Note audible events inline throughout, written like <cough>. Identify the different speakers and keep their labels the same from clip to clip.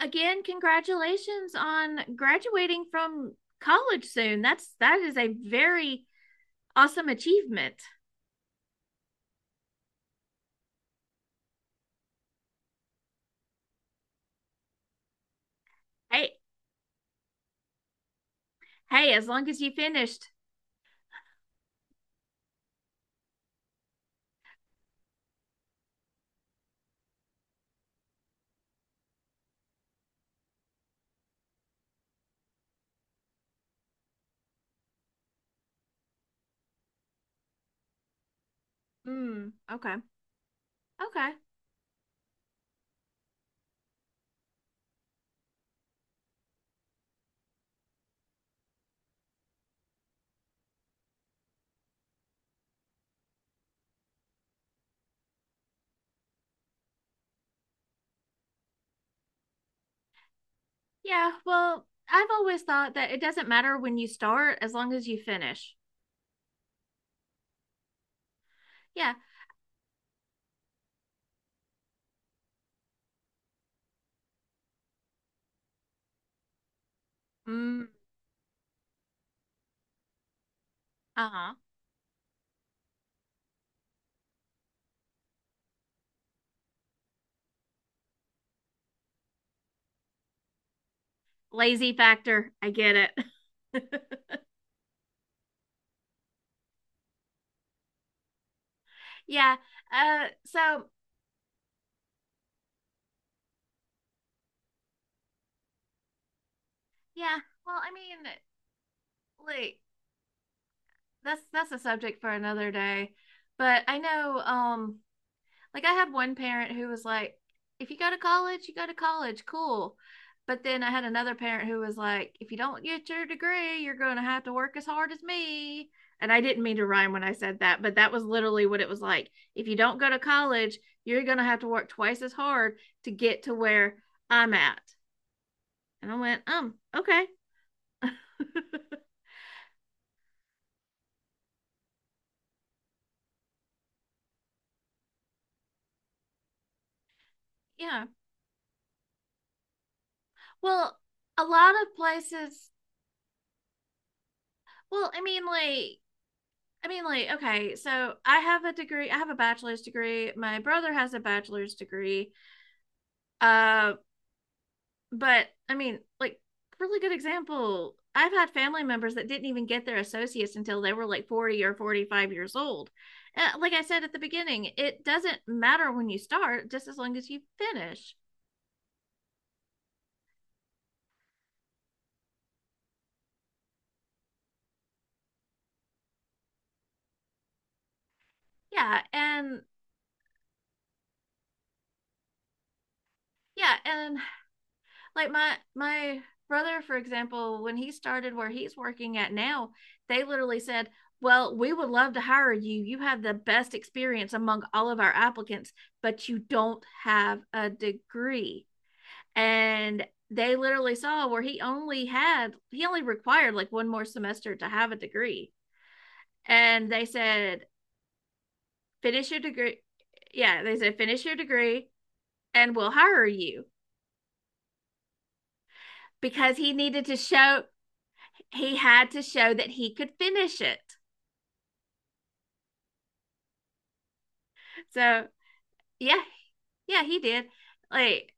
Speaker 1: Again, congratulations on graduating from college soon. That is a very awesome achievement. Hey, hey, as long as you finished. Mm, okay. Okay. Yeah, well, I've always thought that it doesn't matter when you start as long as you finish. Yeah. Mm, uh-huh. Lazy factor. I get it. <laughs> Yeah. Uh so yeah, well, like that's a subject for another day. But I know I had one parent who was like, if you go to college, you go to college, cool. But then I had another parent who was like, if you don't get your degree, you're going to have to work as hard as me. And I didn't mean to rhyme when I said that, but that was literally what it was like. If you don't go to college, you're going to have to work twice as hard to get to where I'm at. And I went, okay. <laughs> Yeah. Well, a lot of places, well, okay, so I have a degree. I have a bachelor's degree. My brother has a bachelor's degree. Uh, but really good example. I've had family members that didn't even get their associates until they were like 40 or 45 years old. Like I said at the beginning, it doesn't matter when you start, just as long as you finish. Yeah. And yeah. And like my brother for example when he started where he's working at now they literally said, well, we would love to hire you, you have the best experience among all of our applicants, but you don't have a degree. And they literally saw where he only required like one more semester to have a degree, and they said finish your degree. Yeah, they said finish your degree and we'll hire you, because he needed to show, he had to show that he could finish it. So yeah, yeah, he did. Like,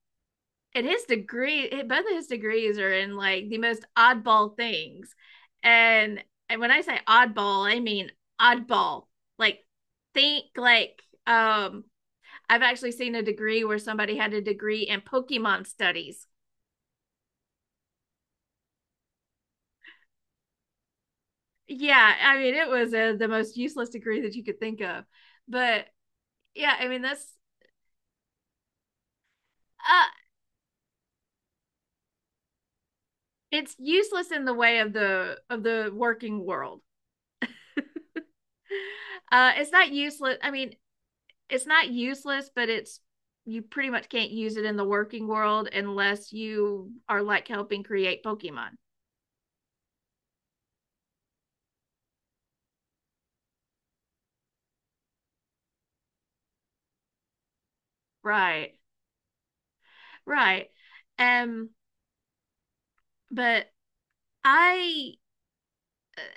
Speaker 1: and his degree, both of his degrees are in like the most oddball things. And when I say oddball, I mean oddball. Like, think like um. I've actually seen a degree where somebody had a degree in Pokemon studies. Yeah, I mean it was the most useless degree that you could think of. But yeah, I mean that's uh, it's useless in the way of the working world. It's not useless. I mean, it's not useless, but it's, you pretty much can't use it in the working world unless you are like helping create Pokemon. Right. Right. Um, but I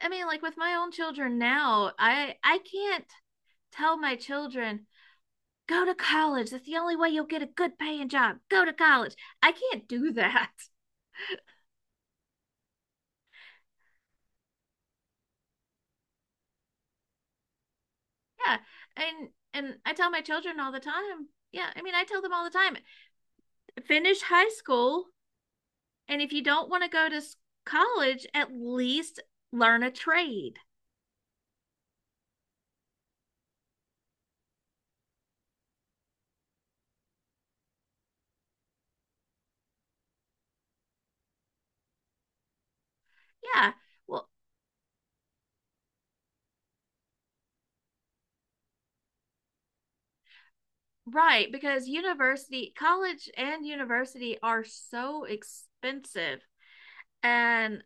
Speaker 1: I mean, like with my own children now, I can't tell my children go to college. That's the only way you'll get a good paying job. Go to college. I can't do that. Yeah, and and I tell my children all the time, yeah, I mean I tell them all the time, finish high school, and if you don't want to go to college, at least learn a trade. Yeah, well, right, because university college and university are so expensive. And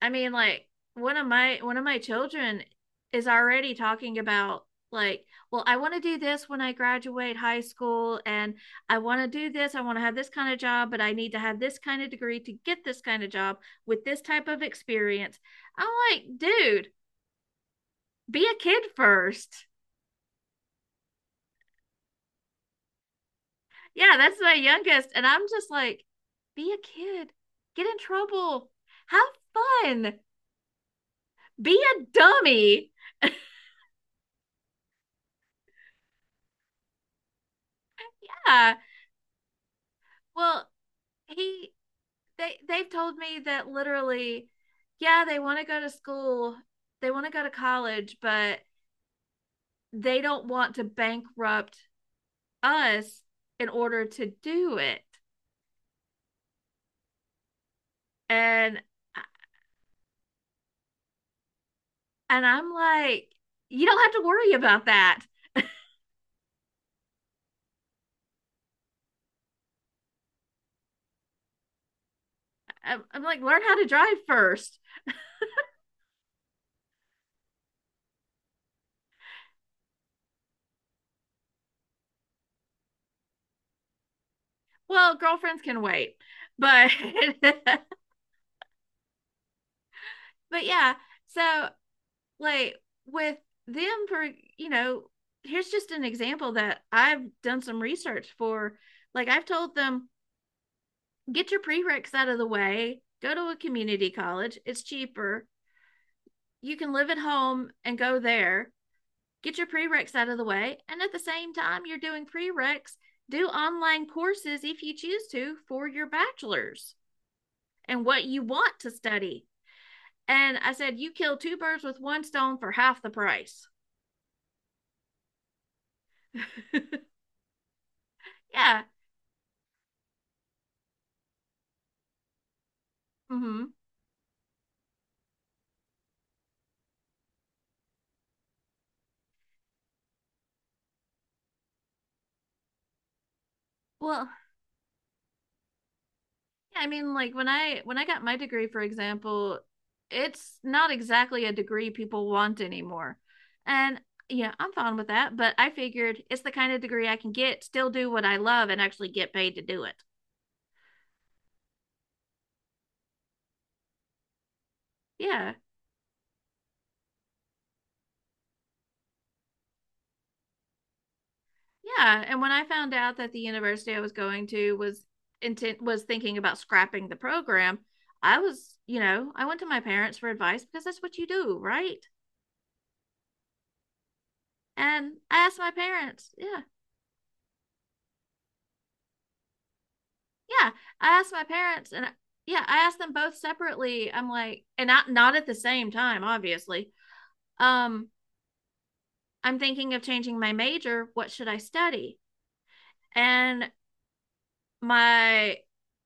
Speaker 1: I mean, like one of my children is already talking about, like, well, I want to do this when I graduate high school, and I want to do this. I want to have this kind of job, but I need to have this kind of degree to get this kind of job with this type of experience. I'm like, dude, be a kid first. Yeah, that's my youngest, and I'm just like, be a kid, get in trouble, have fun, be a dummy. Yeah. Well, he they, they've told me that literally, yeah, they want to go to school, they want to go to college, but they don't want to bankrupt us in order to do it. And I'm like, you don't have to worry about that. I'm like, learn how to drive first. Well, girlfriends can wait, but <laughs> but yeah. So like with them for you know here's just an example that I've done some research for. Like I've told them, get your prereqs out of the way, go to a community college, it's cheaper, you can live at home and go there, get your prereqs out of the way, and at the same time you're doing prereqs, do online courses if you choose to for your bachelor's and what you want to study. And I said you kill two birds with one stone for half the price. <laughs> Yeah. Hmm. Well, yeah, I mean, like when I got my degree, for example, it's not exactly a degree people want anymore. And yeah, I'm fine with that, but I figured it's the kind of degree I can get, still do what I love, and actually get paid to do it. Yeah. Yeah. And when I found out that the university I was going to was intent was thinking about scrapping the program, I was, you know, I went to my parents for advice because that's what you do, right? And I asked my parents, yeah. Yeah, I asked my parents, and I- yeah, I asked them both separately. I'm like, and not at the same time, obviously. Um, I'm thinking of changing my major. What should I study? And my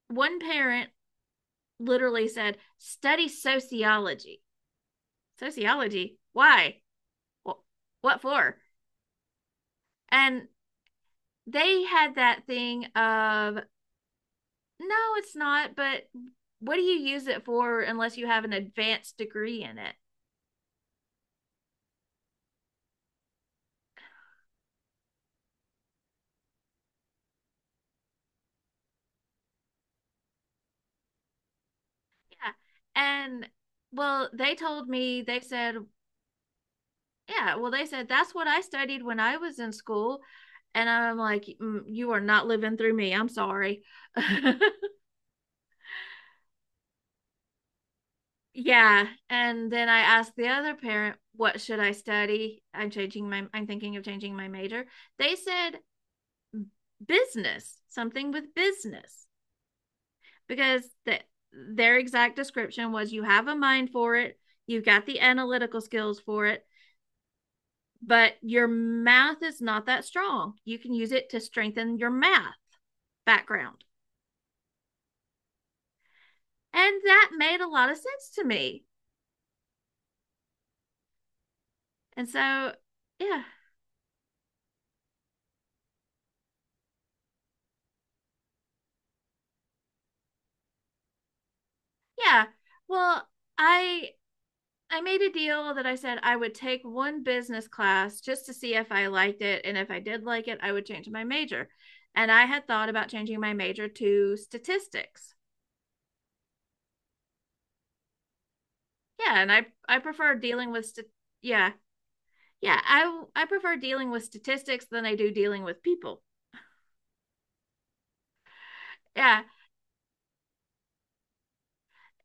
Speaker 1: one parent literally said, "Study sociology." Sociology? Why? Well, what for? And they had that thing of, no, it's not, but what do you use it for unless you have an advanced degree in it? Yeah. And well, they told me, they said, yeah, well, they said that's what I studied when I was in school. And I'm like, "Mm, you are not living through me. I'm sorry." <laughs> Yeah. And then I asked the other parent, what should I study? I'm thinking of changing my major. They said business, something with business, because that, their exact description was, you have a mind for it, you've got the analytical skills for it, but your math is not that strong. You can use it to strengthen your math background. And that made a lot of sense to me. And so, yeah. Yeah. Well, I I made a deal that I said I would take one business class just to see if I liked it, and if I did like it, I would change my major. And I had thought about changing my major to statistics. Yeah, and I prefer dealing with st- yeah. Yeah, I prefer dealing with statistics than I do dealing with people. Yeah.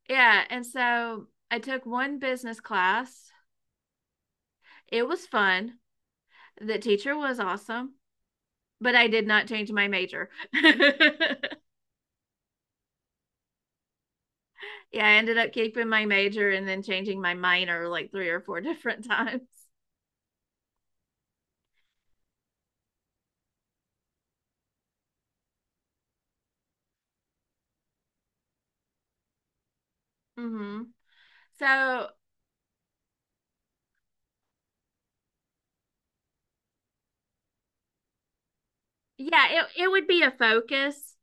Speaker 1: Yeah. And so I took one business class. It was fun. The teacher was awesome, but I did not change my major. <laughs> Yeah. I ended up keeping my major and then changing my minor like three or four <laughs> different times. Hmm. So, yeah, it would be a focus.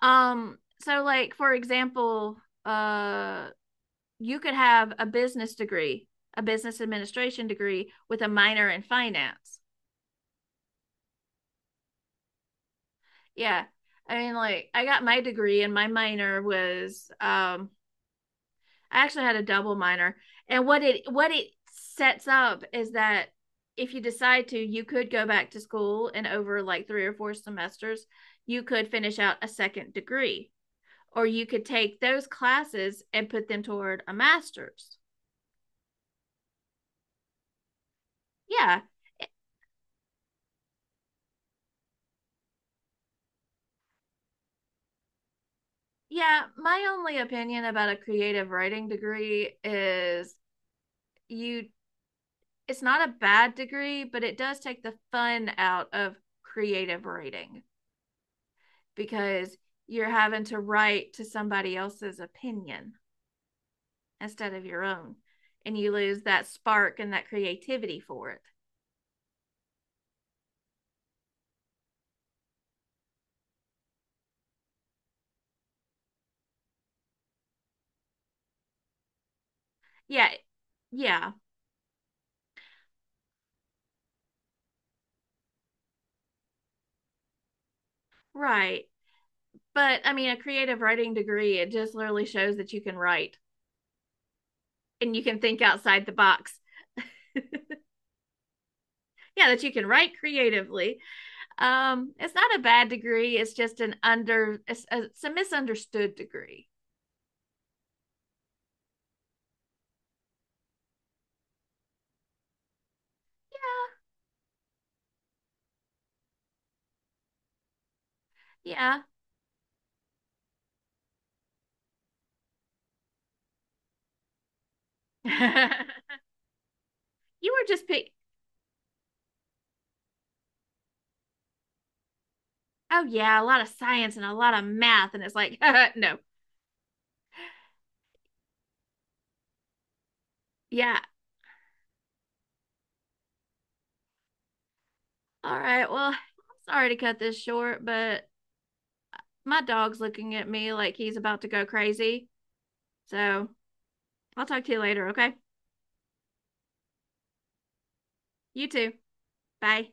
Speaker 1: So like for example, uh, you could have a business degree, a business administration degree with a minor in finance. Yeah, I mean like I got my degree and my minor was I actually had a double minor, and what it sets up is that if you decide to, you could go back to school and over like three or four semesters you could finish out a second degree, or you could take those classes and put them toward a master's. Yeah. Yeah, my only opinion about a creative writing degree is, you it's not a bad degree, but it does take the fun out of creative writing, because you're having to write to somebody else's opinion instead of your own. And you lose that spark and that creativity for it. Yeah. Yeah. Right. But I mean, a creative writing degree, it just literally shows that you can write and you can think outside the box. Yeah, that you can write creatively. It's not a bad degree. It's just an under, it's a misunderstood degree. Yeah, yeah. <laughs> You were just pick, oh yeah, a lot of science and a lot of math and it's like <laughs> no. Yeah. All right. Well, I'm sorry to cut this short, but my dog's looking at me like he's about to go crazy. So, I'll talk to you later, okay? You too. Bye.